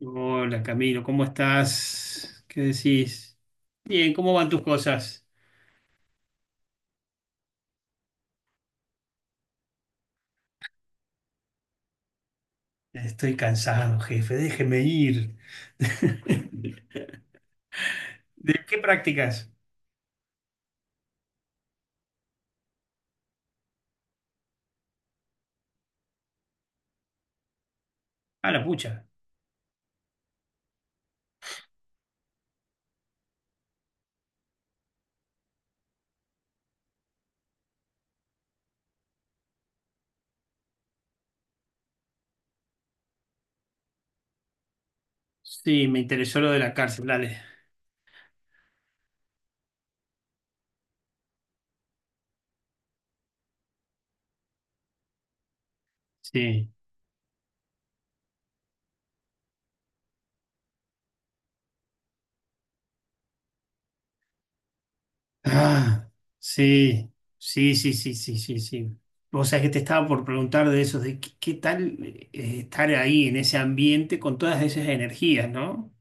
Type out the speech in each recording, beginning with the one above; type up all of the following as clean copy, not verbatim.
Hola Camilo, ¿cómo estás? ¿Qué decís? Bien, ¿cómo van tus cosas? Estoy cansado, jefe, déjeme ir. ¿De qué prácticas? Ah, la pucha. Sí, me interesó lo de la cárcel, dale. Sí. Ah, sí, sí, sí, sí, sí, sí, sí. Vos sabés que te estaba por preguntar de eso, de qué, qué tal estar ahí en ese ambiente con todas esas energías, ¿no?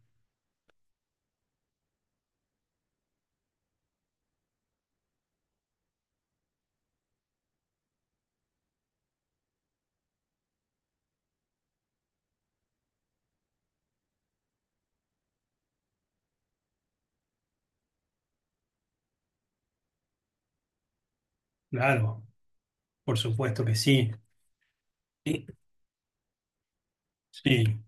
Claro, por supuesto que sí. Sí. Sí.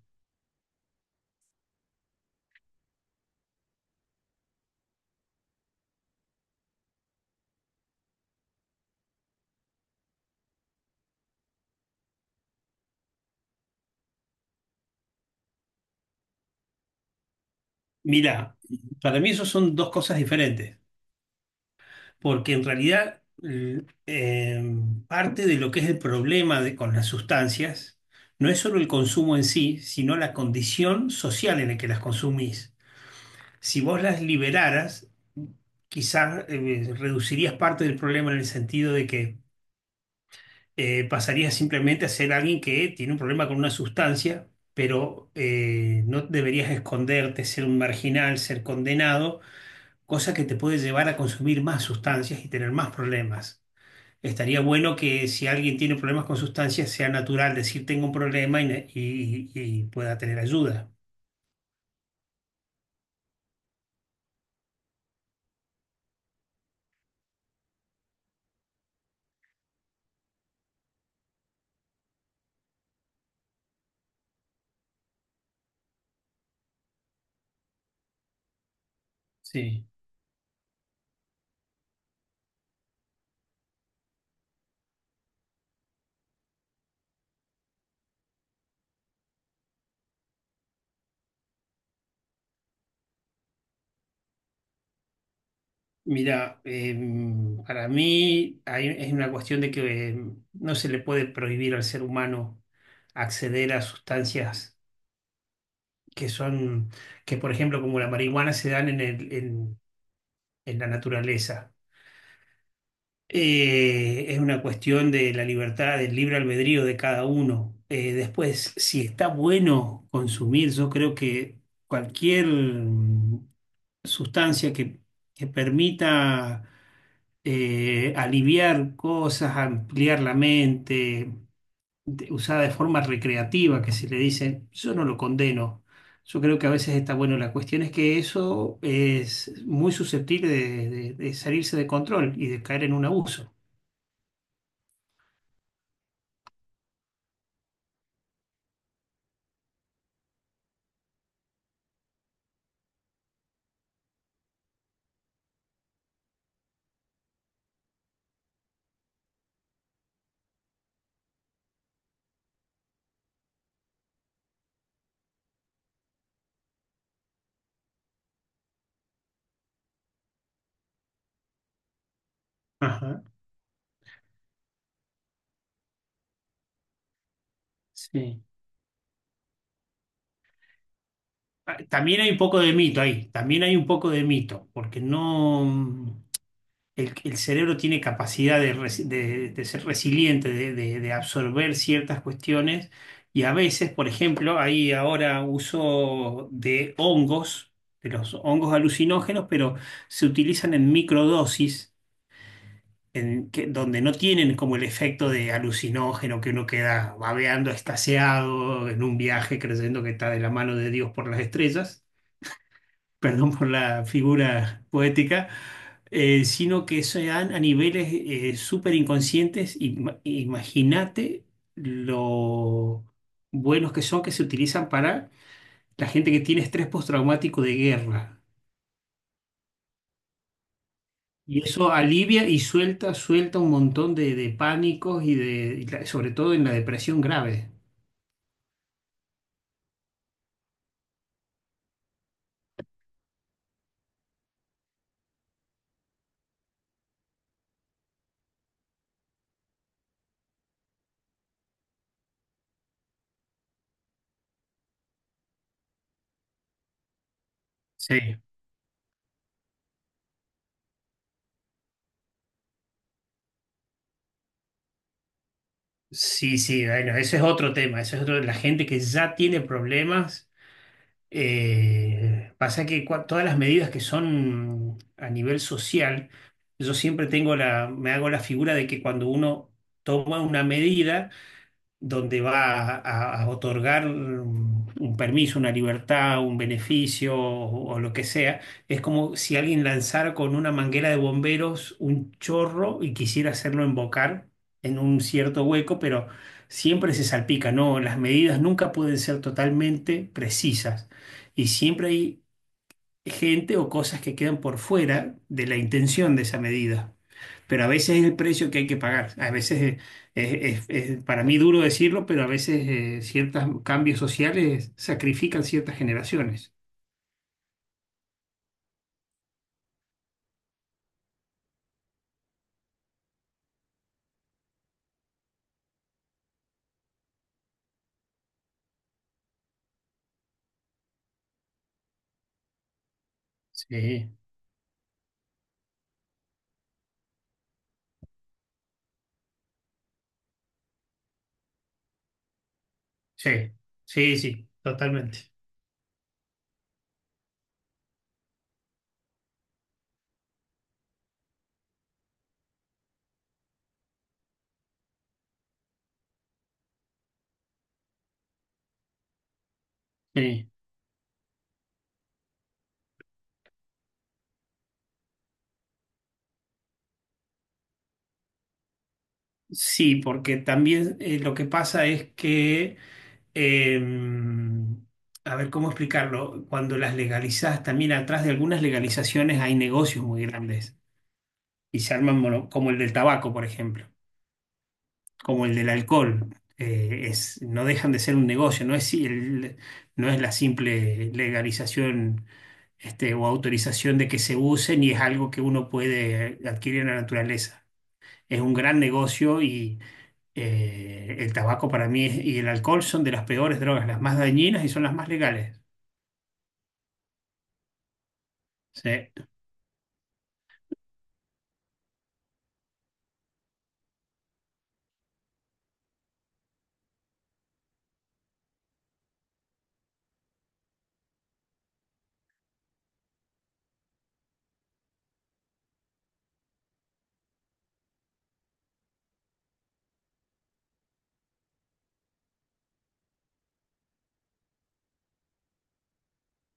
Mira, para mí eso son dos cosas diferentes, porque en realidad parte de lo que es el problema con las sustancias no es solo el consumo en sí, sino la condición social en la que las consumís. Si vos las liberaras, quizás reducirías parte del problema en el sentido de que pasarías simplemente a ser alguien que tiene un problema con una sustancia, pero no deberías esconderte, ser un marginal, ser condenado, cosa que te puede llevar a consumir más sustancias y tener más problemas. Estaría bueno que si alguien tiene problemas con sustancias sea natural decir tengo un problema y pueda tener ayuda. Sí. Mira, para mí es una cuestión de que no se le puede prohibir al ser humano acceder a sustancias que son, que por ejemplo como la marihuana se dan en en la naturaleza. Es una cuestión de la libertad, del libre albedrío de cada uno. Después, si está bueno consumir, yo creo que cualquier sustancia que permita aliviar cosas, ampliar la mente, usada de forma recreativa, que se le dice, yo no lo condeno. Yo creo que a veces está bueno. La cuestión es que eso es muy susceptible de salirse de control y de caer en un abuso. Ajá. Sí. Ah, también hay un poco de mito ahí, también hay un poco de mito, porque no, el cerebro tiene capacidad de ser resiliente, de absorber ciertas cuestiones, y a veces, por ejemplo, hay ahora uso de hongos, de los hongos alucinógenos, pero se utilizan en microdosis, donde no tienen como el efecto de alucinógeno que uno queda babeando, estaseado en un viaje creyendo que está de la mano de Dios por las estrellas. Perdón por la figura poética. Sino que sean a niveles súper inconscientes. Imagínate lo buenos que son que se utilizan para la gente que tiene estrés postraumático de guerra. Y eso alivia y suelta, suelta un montón de pánicos y de sobre todo en la depresión grave. Sí, sí, sí, bueno, ese es otro tema, ese es otro, la gente que ya tiene problemas. Pasa que todas las medidas que son a nivel social, yo siempre tengo la, me hago la figura de que cuando uno toma una medida, donde a otorgar un permiso, una libertad, un beneficio o lo que sea. Es como si alguien lanzara con una manguera de bomberos un chorro y quisiera hacerlo embocar en un cierto hueco, pero siempre se salpica, ¿no? Las medidas nunca pueden ser totalmente precisas y siempre hay gente o cosas que quedan por fuera de la intención de esa medida, pero a veces es el precio que hay que pagar. A veces es, para mí duro decirlo, pero a veces ciertos cambios sociales sacrifican ciertas generaciones. Sí, sí, sí, sí, totalmente. Sí, sí, porque también lo que pasa es que, em, a ver, ¿cómo explicarlo? Cuando las legalizas, también atrás de algunas legalizaciones hay negocios muy grandes y se arman como el del tabaco, por ejemplo, como el del alcohol. Es, no dejan de ser un negocio, no es la simple legalización, este, o autorización de que se use, ni es algo que uno puede adquirir en la naturaleza. Es un gran negocio y el tabaco para mí y el alcohol son de las peores drogas, las más dañinas y son las más legales. Sí,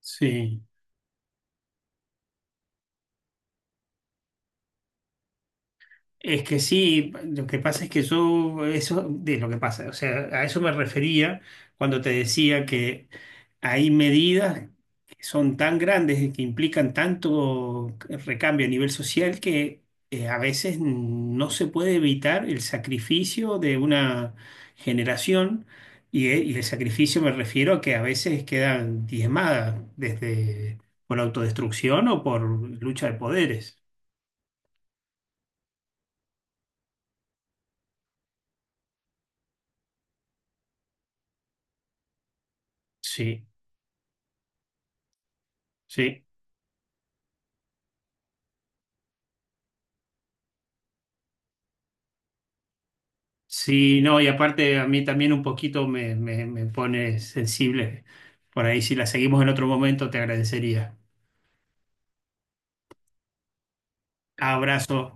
sí. Es que sí, lo que pasa es que yo, eso de lo que pasa, o sea, a eso me refería cuando te decía que hay medidas que son tan grandes y que implican tanto recambio a nivel social que a veces no se puede evitar el sacrificio de una generación y el sacrificio me refiero a que a veces quedan diezmadas desde por autodestrucción o por lucha de poderes. Sí, sí. Sí, no, y aparte a mí también un poquito me pone sensible. Por ahí, si la seguimos en otro momento, te agradecería. Abrazo.